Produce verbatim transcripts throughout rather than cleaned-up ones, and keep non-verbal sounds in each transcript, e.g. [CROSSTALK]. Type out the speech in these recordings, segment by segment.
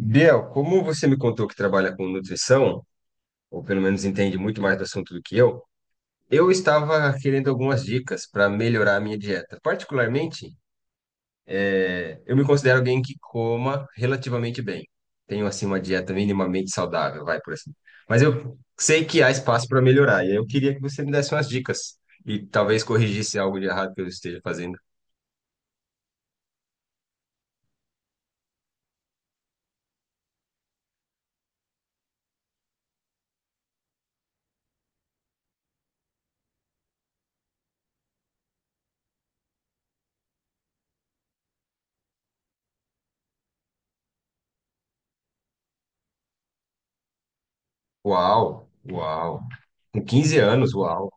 Biel, como você me contou que trabalha com nutrição, ou pelo menos entende muito mais do assunto do que eu, eu estava querendo algumas dicas para melhorar a minha dieta. Particularmente, eu me considero alguém que coma relativamente bem. Tenho, assim, uma dieta minimamente saudável, vai por assim. Mas eu sei que há espaço para melhorar, e eu queria que você me desse umas dicas e talvez corrigisse algo de errado que eu esteja fazendo. Uau, uau. Com quinze anos, uau.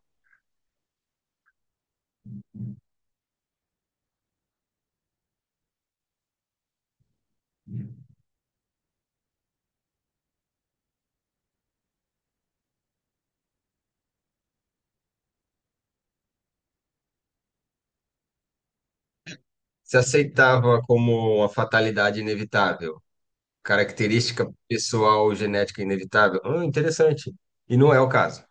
Se aceitava como uma fatalidade inevitável. Característica pessoal genética inevitável? Hum, interessante. E não é o caso.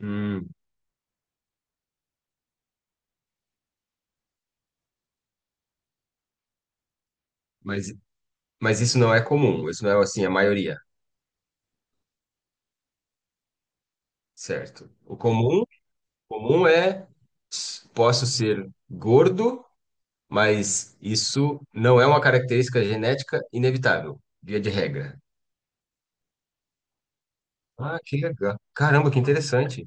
Hum, mas, mas isso não é comum, isso não é assim a maioria, certo? O comum, comum é posso ser gordo, mas isso não é uma característica genética inevitável, via de regra. Ah, que legal. Caramba, que interessante.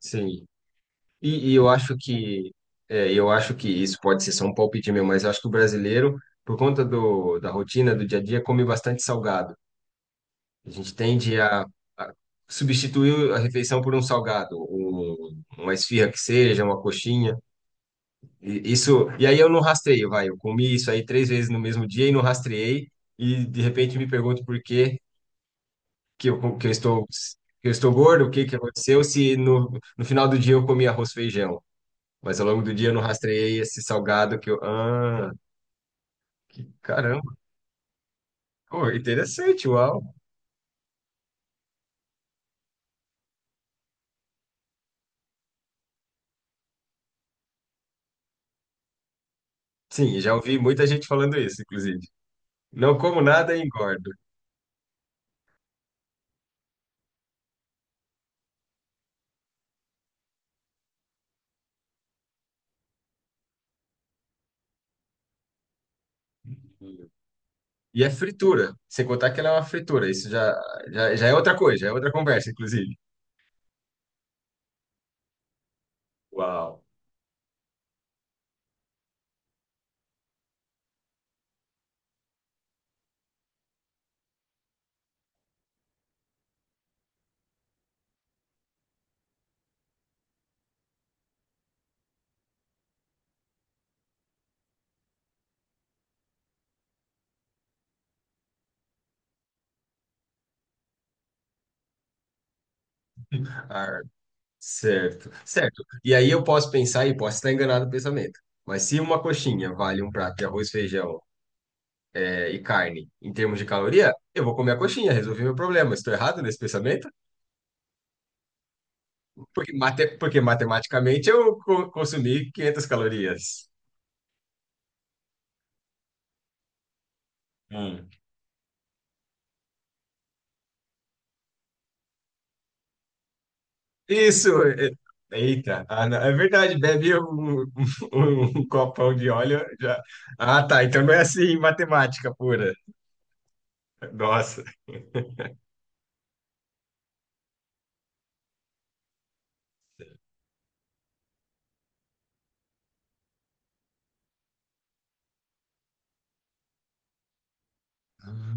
Sim. E, e eu acho que é, eu acho que isso pode ser só um palpite meu, mas eu acho que o brasileiro, por conta do, da rotina do dia a dia, come bastante salgado. A gente tende a, a substituir a refeição por um salgado, um, uma esfirra que seja, uma coxinha. E, isso, e aí eu não rastreio, vai. Eu comi isso aí três vezes no mesmo dia e não rastreei, e de repente me pergunto por que que eu, que eu estou, que eu estou gordo, o que que aconteceu, se no, no final do dia eu comi arroz e feijão. Mas ao longo do dia eu não rastreei esse salgado que eu. Ah, que caramba! Pô, interessante, uau! Sim, já ouvi muita gente falando isso, inclusive. Não como nada e engordo. E é fritura, sem contar que ela é uma fritura. Isso já, já, já é outra coisa, já é outra conversa, inclusive. Uau! Ah, certo, certo. E aí eu posso pensar e posso estar enganado no pensamento. Mas se uma coxinha vale um prato de arroz, feijão, eh, e carne em termos de caloria, eu vou comer a coxinha, resolvi meu problema. Estou errado nesse pensamento? Porque, mate- porque matematicamente eu co- consumi quinhentas calorias. Hum. Isso! é- Eita, ah, não, é verdade, bebe um, [LAUGHS] um, um copão de óleo já. Ah, tá, então não é assim matemática pura. Nossa. Ah.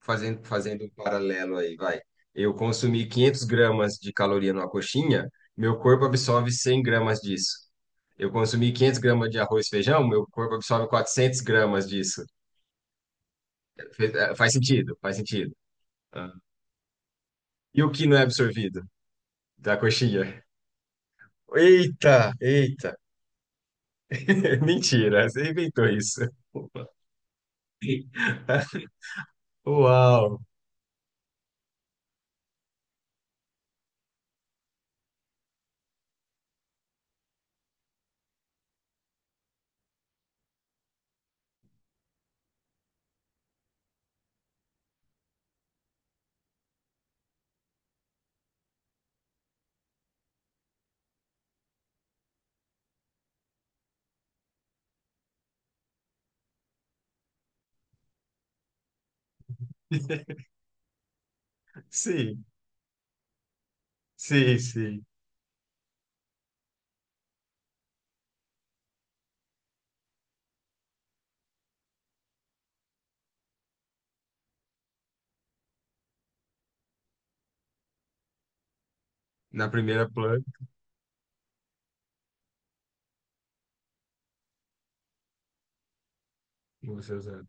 Fazendo, fazendo um paralelo aí, vai. Eu consumi quinhentos gramas de caloria numa coxinha, meu corpo absorve cem gramas disso. Eu consumi quinhentos gramas de arroz e feijão, meu corpo absorve quatrocentos gramas disso. Fe- eh, Faz sentido, faz sentido. Ah. E o que não é absorvido da coxinha? Eita, eita. [LAUGHS] Mentira, você inventou isso. [LAUGHS] Uau. Sim, sim, sim. Na primeira planta, você usa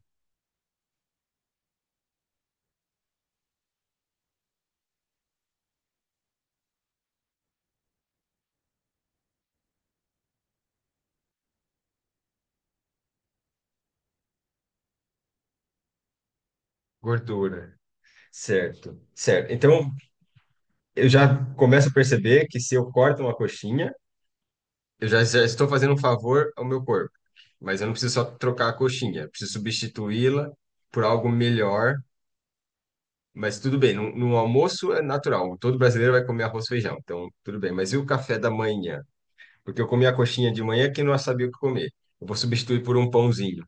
gordura. Certo, certo. Então, eu já começo a perceber que se eu corto uma coxinha, eu já, já estou fazendo um favor ao meu corpo. Mas eu não preciso só trocar a coxinha, eu preciso substituí-la por algo melhor. Mas tudo bem, no, no almoço é natural. Todo brasileiro vai comer arroz e feijão, então tudo bem. Mas e o café da manhã? Porque eu comi a coxinha de manhã que não sabia o que comer. Eu vou substituir por um pãozinho,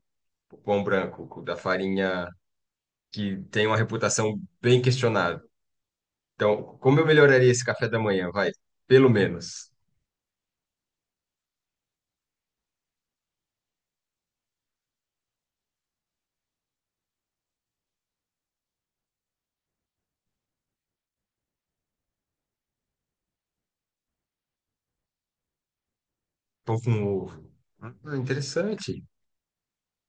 um pão branco, com- da farinha que tem uma reputação bem questionável. Então, como eu melhoraria esse café da manhã? Vai, pelo menos. Pão com ovo. Ah, interessante.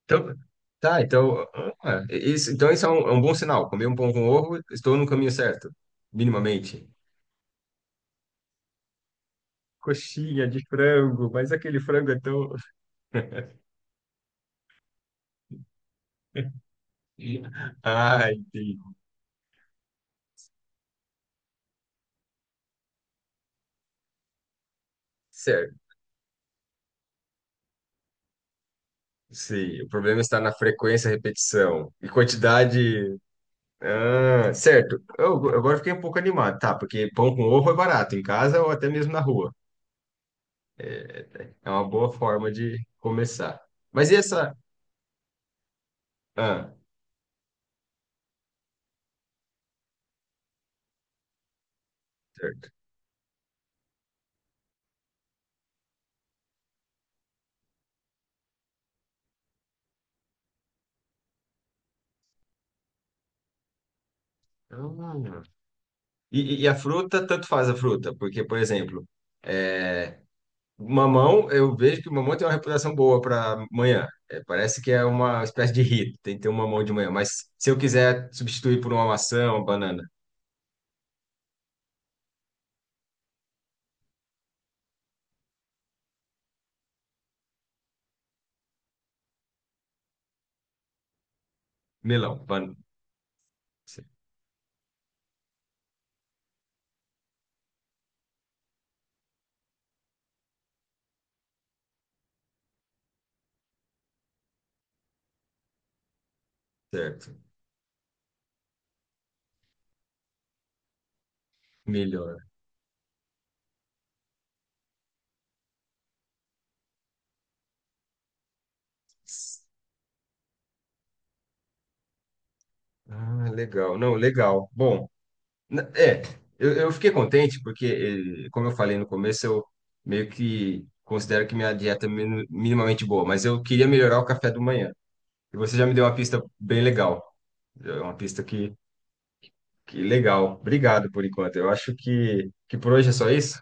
Então, tá, então, ah, isso, então isso é um, é um bom sinal. Comer um pão com ovo, estou no caminho certo, minimamente. Coxinha de frango, mas aquele frango é tão. [LAUGHS] Ah, entendi. Certo. Sim, o problema está na frequência, repetição e quantidade. Ah, certo. Eu, agora fiquei um pouco animado, tá? Porque pão com ovo é barato em casa ou até mesmo na rua. É uma boa forma de começar. Mas e essa? Ah, certo. Ah. E, e- e a fruta, tanto faz a fruta, porque, por exemplo, é, mamão, eu vejo que o mamão tem uma reputação boa para manhã. É, parece que é uma espécie de hit, tem que ter um mamão de manhã. Mas se eu quiser substituir por uma maçã, uma banana, melão, ban... certo, melhor. Ah, legal, não, legal. Bom, na- é, eu, eu fiquei contente porque, eh, como eu falei no começo, eu meio que considero que minha dieta é minu- minimamente boa, mas eu queria melhorar o café da manhã. E você já me deu uma pista bem legal, é uma pista que. Que legal. Obrigado por enquanto. Eu acho que, que por hoje é só isso.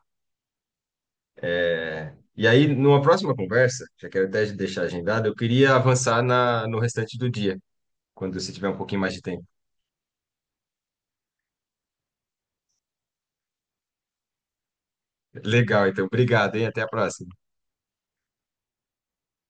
É, e aí, numa próxima conversa, já quero até deixar agendado, eu queria avançar na, no restante do dia, quando você tiver um pouquinho mais de tempo. Legal, então. Obrigado, hein? Até a próxima.